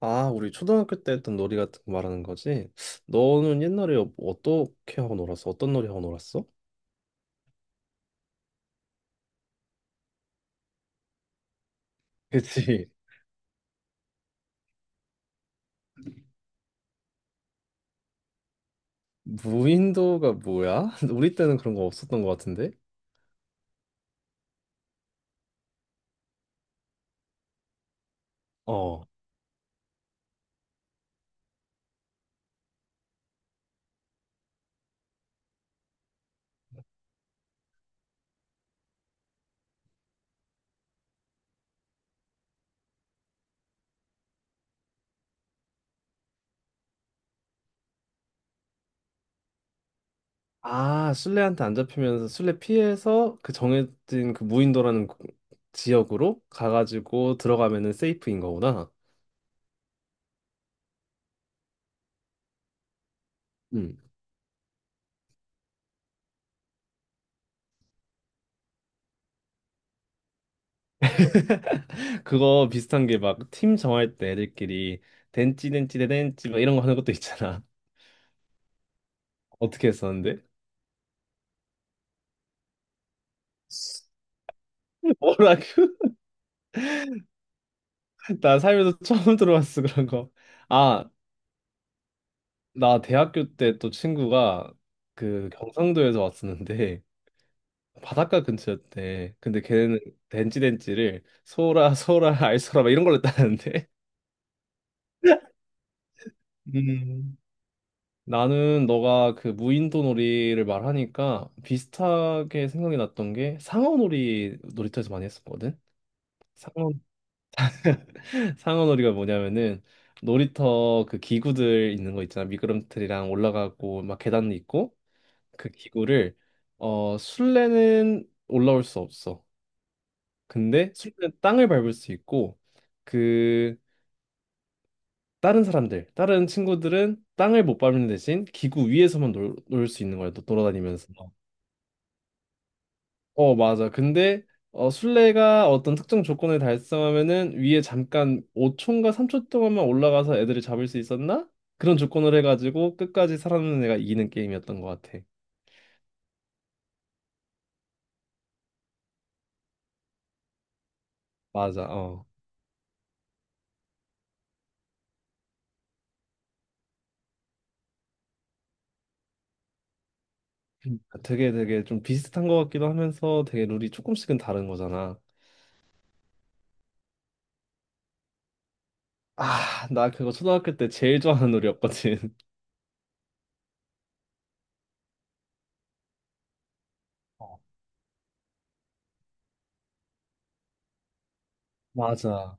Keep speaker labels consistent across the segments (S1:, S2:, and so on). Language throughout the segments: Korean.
S1: 아, 우리 초등학교 때 했던 놀이 같은 거 말하는 거지? 너는 옛날에 어떻게 하고 놀았어? 어떤 놀이 하고 놀았어? 그치. 무인도가 뭐야? 우리 때는 그런 거 없었던 것 같은데? 어. 아, 술래한테 안 잡히면서 술래 피해서 그 정해진 그 무인도라는 지역으로 가가지고 들어가면은 세이프인 거구나. 음. 그거 비슷한 게 막 팀 정할 때 애들끼리 댄찌 댄찌 댄찌 막 이런 거 하는 것도 있잖아. 어떻게 했었는데? 뭐라고? 나 살면서 처음 들어봤어 그런 거. 아, 나 대학교 때 또 친구가 그 경상도에서 왔었는데 바닷가 근처였대. 근데 걔네는 덴찌덴찌를 소라 소라 알소라 막 이런 걸로 따는데. 음. 나는 너가 그 무인도 놀이를 말하니까 비슷하게 생각이 났던 게 상어놀이 놀이터에서 많이 했었거든. 상어. 상어놀이가 뭐냐면은 놀이터 그 기구들 있는 거 있잖아. 미끄럼틀이랑 올라가고 막 계단 있고 그 기구를 어 술래는 올라올 수 없어. 근데 술래는 땅을 밟을 수 있고 그 다른 사람들, 다른 친구들은 땅을 못 밟는 대신 기구 위에서만 놀 수 있는 거야. 너 돌아다니면서. 어 맞아. 근데 어 술래가 어떤 특정 조건을 달성하면은 위에 잠깐 5초인가 3초 동안만 올라가서 애들을 잡을 수 있었나? 그런 조건을 해가지고 끝까지 살아남는 애가 이기는 게임이었던 것 같아. 맞아. 어. 되게 되게 좀 비슷한 것 같기도 하면서 되게 룰이 조금씩은 다른 거잖아. 아, 나 그거 초등학교 때 제일 좋아하는 룰이었거든. 어, 맞아.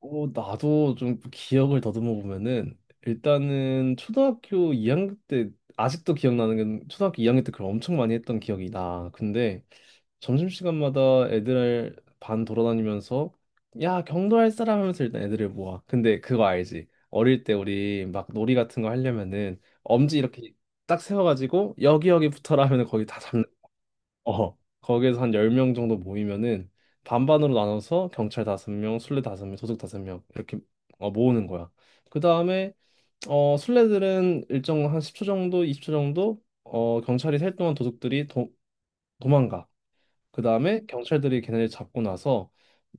S1: 어, 나도 좀 기억을 더듬어 보면은 일단은 초등학교 2학년 때 아직도 기억나는 건 초등학교 2학년 때 그걸 엄청 많이 했던 기억이 나. 근데 점심시간마다 애들 반 돌아다니면서 야 경도 할 사람 하면서 일단 애들을 모아. 근데 그거 알지? 어릴 때 우리 막 놀이 같은 거 하려면은 엄지 이렇게 딱 세워가지고 여기 여기 붙어라 하면은 거기 다. 어, 거기에서 한 10명 정도 모이면은 반반으로 나눠서 경찰 5명, 술래 5명, 도둑 5명 이렇게 어, 모으는 거야. 그 다음에 어, 술래들은 일정 한 10초 정도, 20초 정도 어, 경찰이 셀 동안 도둑들이 도망가. 그 다음에 경찰들이 걔네를 잡고 나서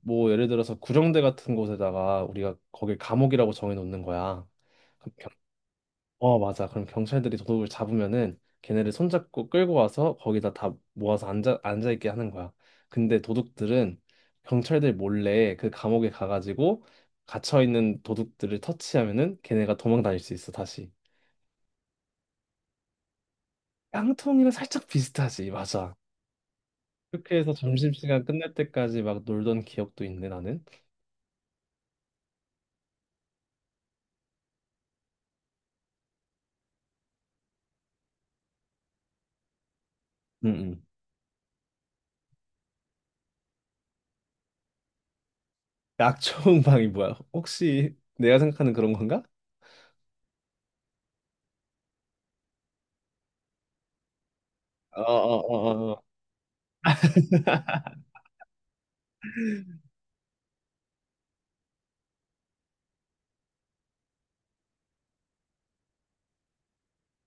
S1: 뭐 예를 들어서 구령대 같은 곳에다가 우리가 거길 감옥이라고 정해놓는 거야. 그 어, 맞아. 그럼 경찰들이 도둑을 잡으면은 걔네를 손잡고 끌고 와서 거기다 다 모아서 앉아 있게 하는 거야. 근데 도둑들은 경찰들 몰래 그 감옥에 가가지고 갇혀 있는 도둑들을 터치하면은 걔네가 도망 다닐 수 있어, 다시. 깡통이랑 살짝 비슷하지, 맞아. 그렇게 해서 점심시간 끝날 때까지 막 놀던 기억도 있네, 나는. 응, 응. 약초음방이 뭐야? 혹시 내가 생각하는 그런 건가? 어어어어.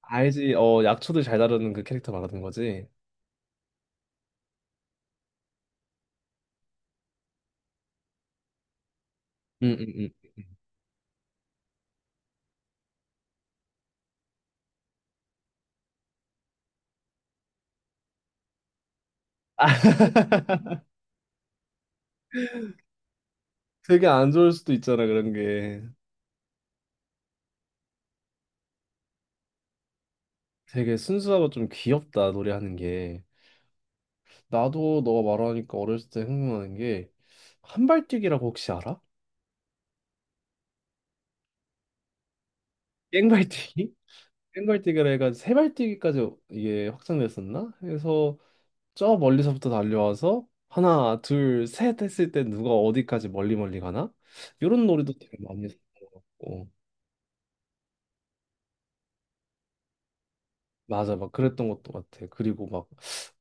S1: 알지. 어 약초들 잘 다루는 그 캐릭터 말하는 거지? 음, 음, 음. 아, 되게 안 좋을 수도 있잖아, 그런 게. 되게 순수하고 좀 귀엽다, 노래하는 게. 나도 너가 말하니까 어렸을 때 생각나는 게, 한발뛰기라고 혹시 알아? 깽발뛰기? 깽발뛰기라 해가 세 발뛰기까지 이게 확장됐었나? 그래서 저 멀리서부터 달려와서 하나, 둘, 셋 했을 때 누가 어디까지 멀리 멀리 가나? 이런 놀이도 되게 많이 했었고. 맞아, 막 그랬던 것도 같아. 그리고 막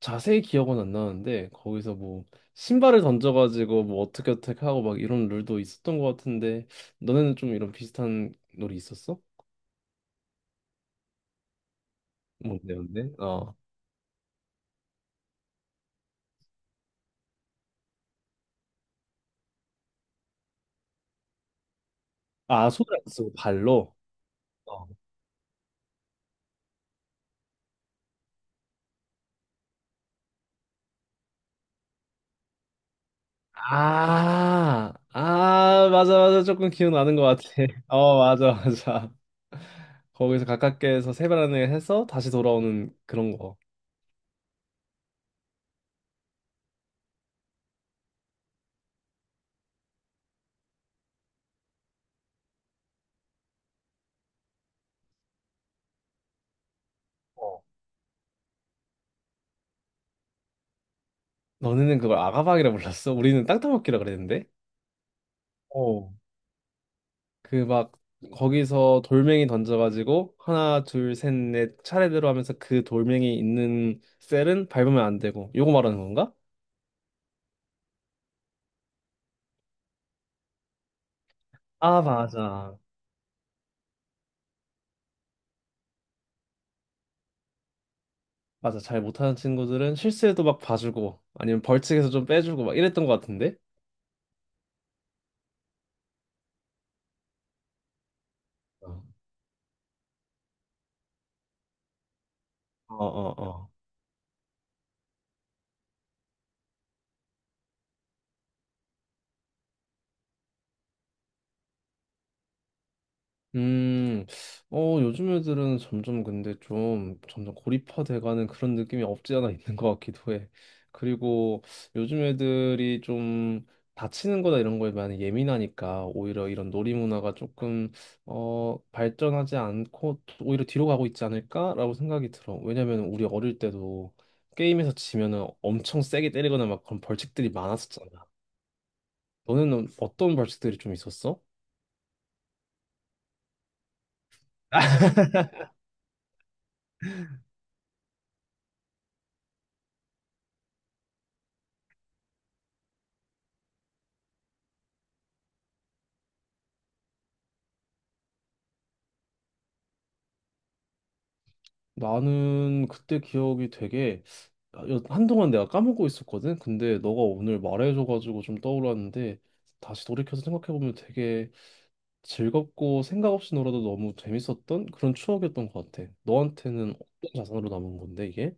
S1: 자세히 기억은 안 나는데 거기서 뭐 신발을 던져가지고 뭐 어떻게 어떻게 하고 막 이런 룰도 있었던 것 같은데 너네는 좀 이런 비슷한 놀이 있었어? 뭔데, 뭔데? 어. 아, 손을 안 쓰고 발로? 어. 아, 아, 맞아, 맞아. 조금 기억나는 것 같아. 어, 맞아, 맞아. 거기서 가깝게에서 세 번을 해서 다시 돌아오는 그런 거. 어. 너네는 그걸 아가방이라 불렀어? 우리는 땅따먹기라 그랬는데? 어. 그 막 거기서 돌멩이 던져가지고 하나 둘 셋 넷 차례대로 하면서 그 돌멩이 있는 셀은 밟으면 안 되고 요거 말하는 건가? 아 맞아. 맞아, 잘 못하는 친구들은 실수해도 막 봐주고 아니면 벌칙에서 좀 빼주고 막 이랬던 것 같은데. 어어어. 음, 어, 요즘 애들은 점점 근데 좀 점점 고립화돼가는 그런 느낌이 없지 않아 있는 것 같기도 해. 그리고 요즘 애들이 좀 다치는 거나 이런 거에 많이 예민하니까 오히려 이런 놀이 문화가 조금 어, 발전하지 않고 오히려 뒤로 가고 있지 않을까라고 생각이 들어. 왜냐면 우리 어릴 때도 게임에서 지면은 엄청 세게 때리거나 막 그런 벌칙들이 많았었잖아. 너는 어떤 벌칙들이 좀 있었어? 나는 그때 기억이 되게, 아, 한동안 내가 까먹고 있었거든. 근데 너가 오늘 말해줘가지고 좀 떠올랐는데 다시 돌이켜서 생각해보면 되게 즐겁고 생각 없이 놀아도 너무 재밌었던 그런 추억이었던 것 같아. 너한테는 어떤 자산으로 남은 건데 이게?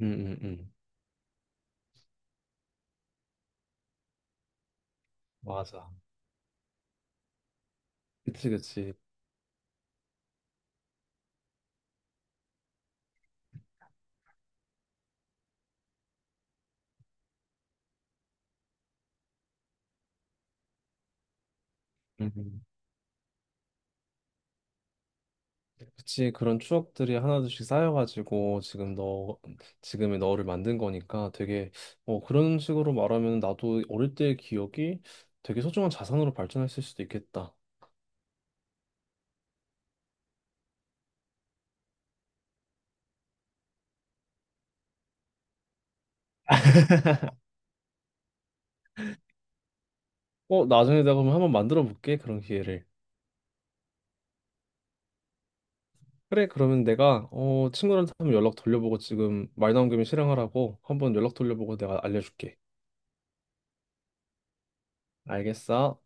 S1: 응응응. 맞아. 그치 그치. 그치, 그런 추억들이 하나둘씩 쌓여가지고 지금 너, 지금의 너를 만든 거니까 되게, 어, 그런 식으로 말하면 나도 어릴 때의 기억이 되게 소중한 자산으로 발전했을 수도 있겠다. 어, 나중에 내가 그럼 한번 만들어 볼게, 그런 기회를. 그래, 그러면 내가, 어, 친구들한테 한번 연락 돌려보고 지금 말 나온 김에 실행하라고 한번 연락 돌려보고 내가 알려줄게. 알겠어?